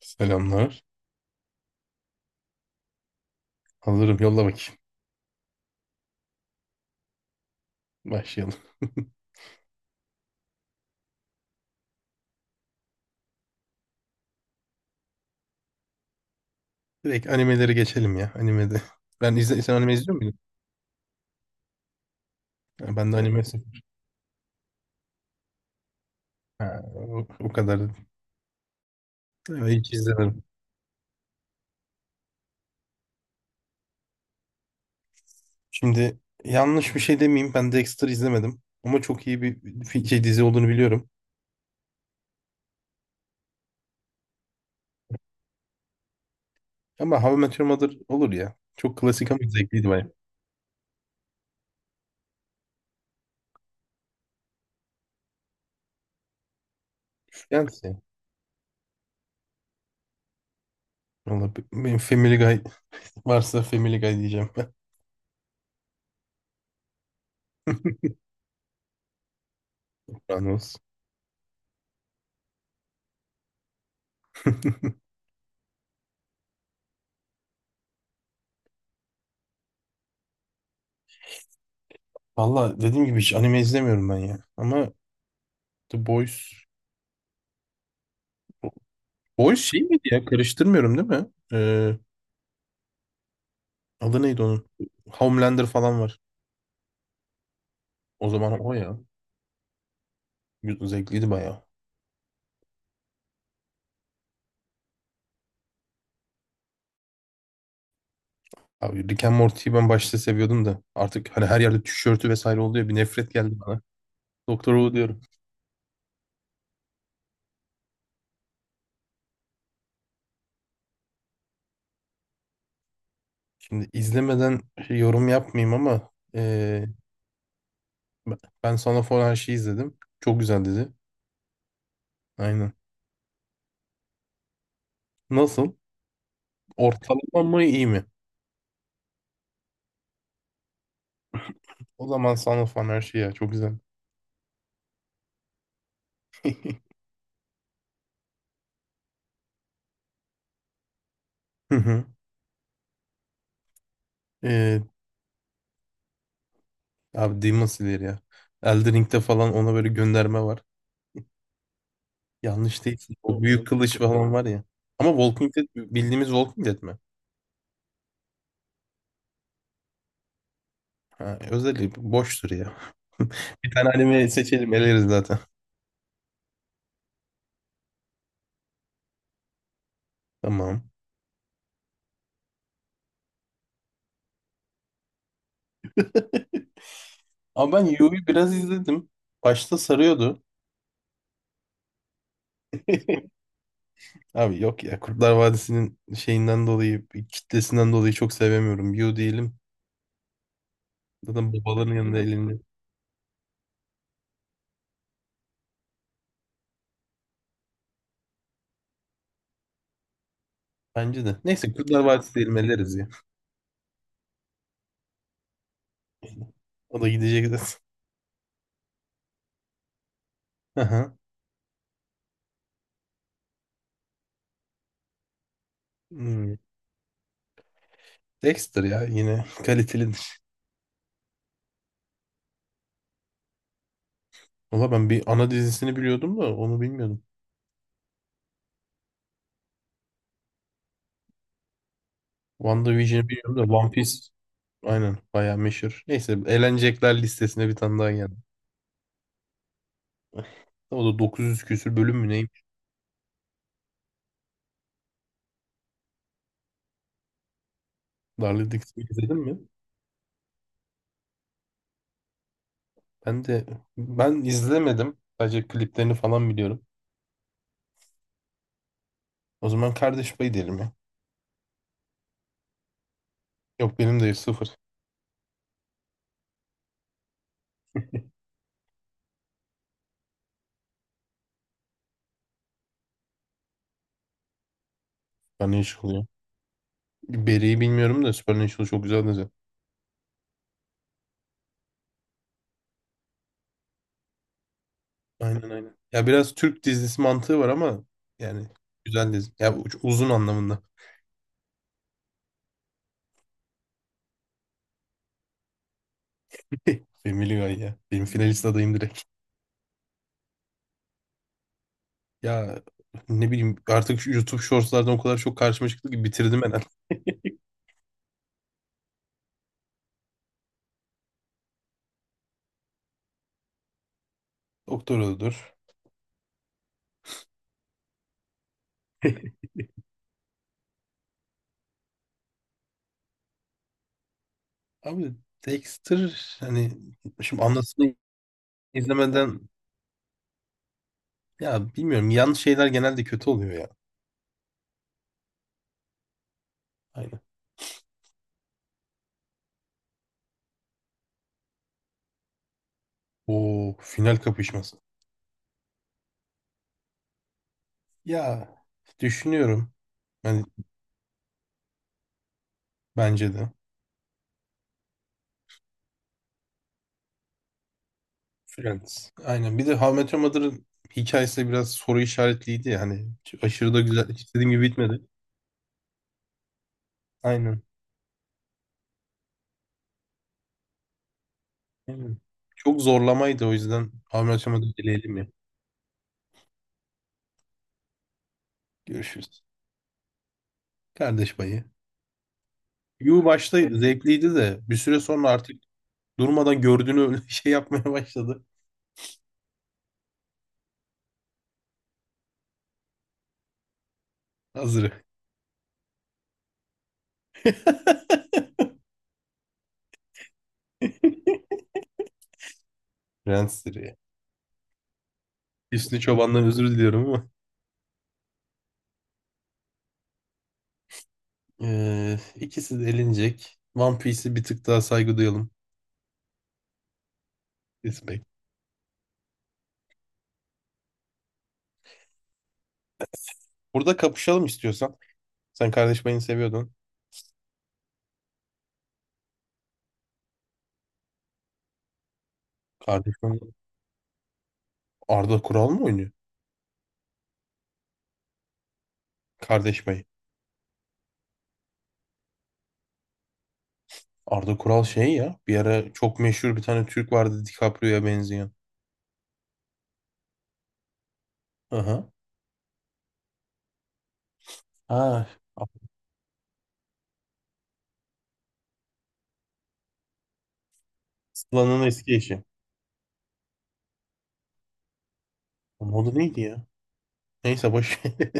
Selamlar. Hazırım. Yolla bakayım. Başlayalım. Direkt animelere geçelim ya. Animede. Ben izle, sen anime izliyor muydun? Ha, ben de anime sıfır. Ha, o kadar. Evet, hiç izlemedim. Şimdi yanlış bir şey demeyeyim. Ben Dexter izlemedim. Ama çok iyi bir dizi olduğunu biliyorum. Ama How I Met Your Mother olur ya. Çok klasik ama zevkliydi bayağı. Yani Valla benim Family Guy varsa Family Guy diyeceğim ben. Kur'an olsun. Valla dediğim gibi hiç anime izlemiyorum ben ya. Ama The Boys. O şey miydi ya? Karıştırmıyorum değil mi? Ee, Adı neydi onun? Homelander falan var. O zaman o ya. Zevkliydi bayağı. Abi Rick and Morty'yi ben başta seviyordum da artık hani her yerde tişörtü vesaire oluyor bir nefret geldi bana. Doktor Who diyorum. Şimdi izlemeden yorum yapmayayım ama ee, ben sana falan şey izledim. Çok güzel dedi. Aynen. Nasıl? Ortalama mı iyi mi? O zaman sana falan her şey ya çok güzel. Hı hı. Ee, Abi Demon Slayer ya. Elden Ring'de falan ona böyle gönderme var. Yanlış değil. O büyük kılıç falan var ya. Ama Walking Dead bildiğimiz Walking Dead mi? Ha, özelliği boştur ya. Bir tane anime seçelim eleriz zaten. Tamam. Ama ben Yu'yu biraz izledim. Başta sarıyordu. Abi yok ya, Kurtlar Vadisi'nin şeyinden dolayı, kitlesinden dolayı çok sevemiyorum. Yu diyelim. Zaten babaların yanında elinde. Bence de. Neyse Kurtlar Vadisi diyelim, eleriz ya. O da gidecek zaten. Aha. Hmm. Dexter ya yine kalitelidir. Valla ben bir ana dizisini biliyordum da onu bilmiyordum. WandaVision'ı biliyorum da One Piece aynen bayağı meşhur. Neyse elenecekler listesine bir tane daha geldi. O da 900 küsür bölüm mü neymiş? Darlı Dix'i izledin mi? Ben de ben izlemedim. Sadece kliplerini falan biliyorum. O zaman kardeş payı diyelim ya. Yok, benim de sıfır. Supernatural ya. Barry'i bilmiyorum da Supernatural çok güzel dizi. Aynen aynen. Ya biraz Türk dizisi mantığı var ama yani güzel dizi. Ya uzun anlamında. Family Guy ya. Benim finalist adayım direkt. Ya ne bileyim, artık şu YouTube Shorts'lardan o kadar çok karşıma çıktı ki bitirdim hemen. Doktor öldür. Abi Dexter hani şimdi anlatsını izlemeden, ya bilmiyorum, yan şeyler genelde kötü oluyor ya. Aynen. O final kapışması. Ya düşünüyorum. Yani bence de. Friends. Aynen. Bir de How I Met Your Mother'ın hikayesi de biraz soru işaretliydi yani. Aşırı da güzel. İstediğim gibi bitmedi. Aynen. Yani çok zorlamaydı, o yüzden abi açamadı dileyelim ya. Görüşürüz. Kardeş payı. Yu başta zevkliydi de bir süre sonra artık durmadan gördüğünü öyle şey yapmaya başladı. Hazırı. Prensleri. Hüsnü Çoban'dan özür diliyorum ama. İkisi de elenecek. One Piece'e bir tık daha saygı duyalım. Respect. Burada kapışalım istiyorsan. Sen Kardeş Payı'nı seviyordun. Kardeş Payı Arda Kural mı oynuyor? Kardeş Payı. Arda Kural şey ya. Bir ara çok meşhur bir tane Türk vardı DiCaprio'ya benzeyen. Aha. Ha, Aslan'ın eski eşi. Onun adı neydi ya? Neyse boş ver.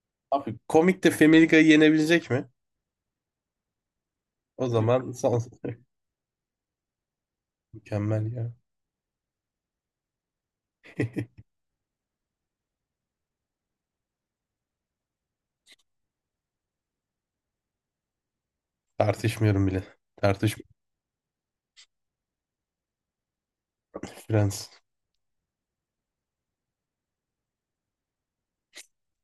Abi komik de Family Guy'ı yenebilecek mi? O zaman mükemmel ya. Tartışmıyorum bile. Tartış Friends.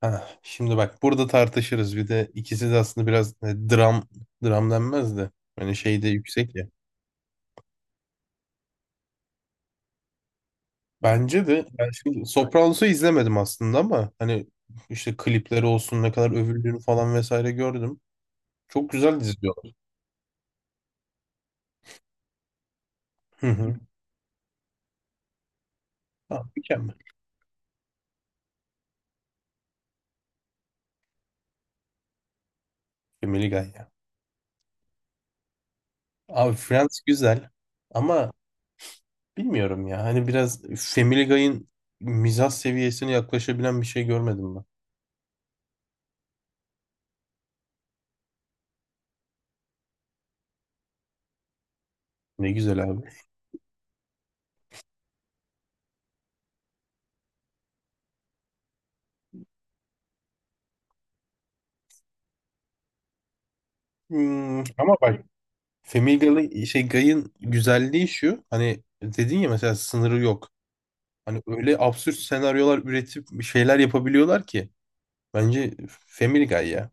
Ha, şimdi bak burada tartışırız. Bir de ikisi de aslında biraz dram, denmez de. Hani şey de yüksek ya. Bence de. Ben şimdi Sopranos'u izlemedim aslında ama hani işte klipleri olsun, ne kadar övüldüğünü falan vesaire gördüm. Çok güzel dizi diyorlar. Hı hı. Ha, mükemmel. Family Guy ya. Abi Friends güzel ama bilmiyorum ya. Hani biraz Family Guy'ın mizah seviyesine yaklaşabilen bir şey görmedim ben. Ne güzel abi. Hmm, ama bak Family Guy'ın şey Guy'ın güzelliği şu. Hani dedin ya, mesela sınırı yok. Hani öyle absürt senaryolar üretip bir şeyler yapabiliyorlar ki. Bence Family Guy ya.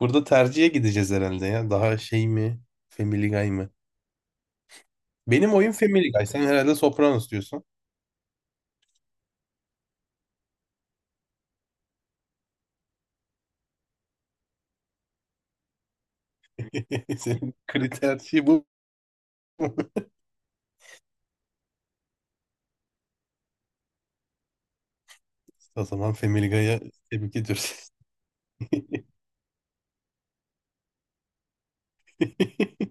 Burada tercihe gideceğiz herhalde ya. Daha şey mi? Family Guy mı? Benim oyun Family Guy. Sen herhalde Sopranos diyorsun. Senin kriter şey bu. Mu? O zaman Family Guy'a tebrik ediyoruz.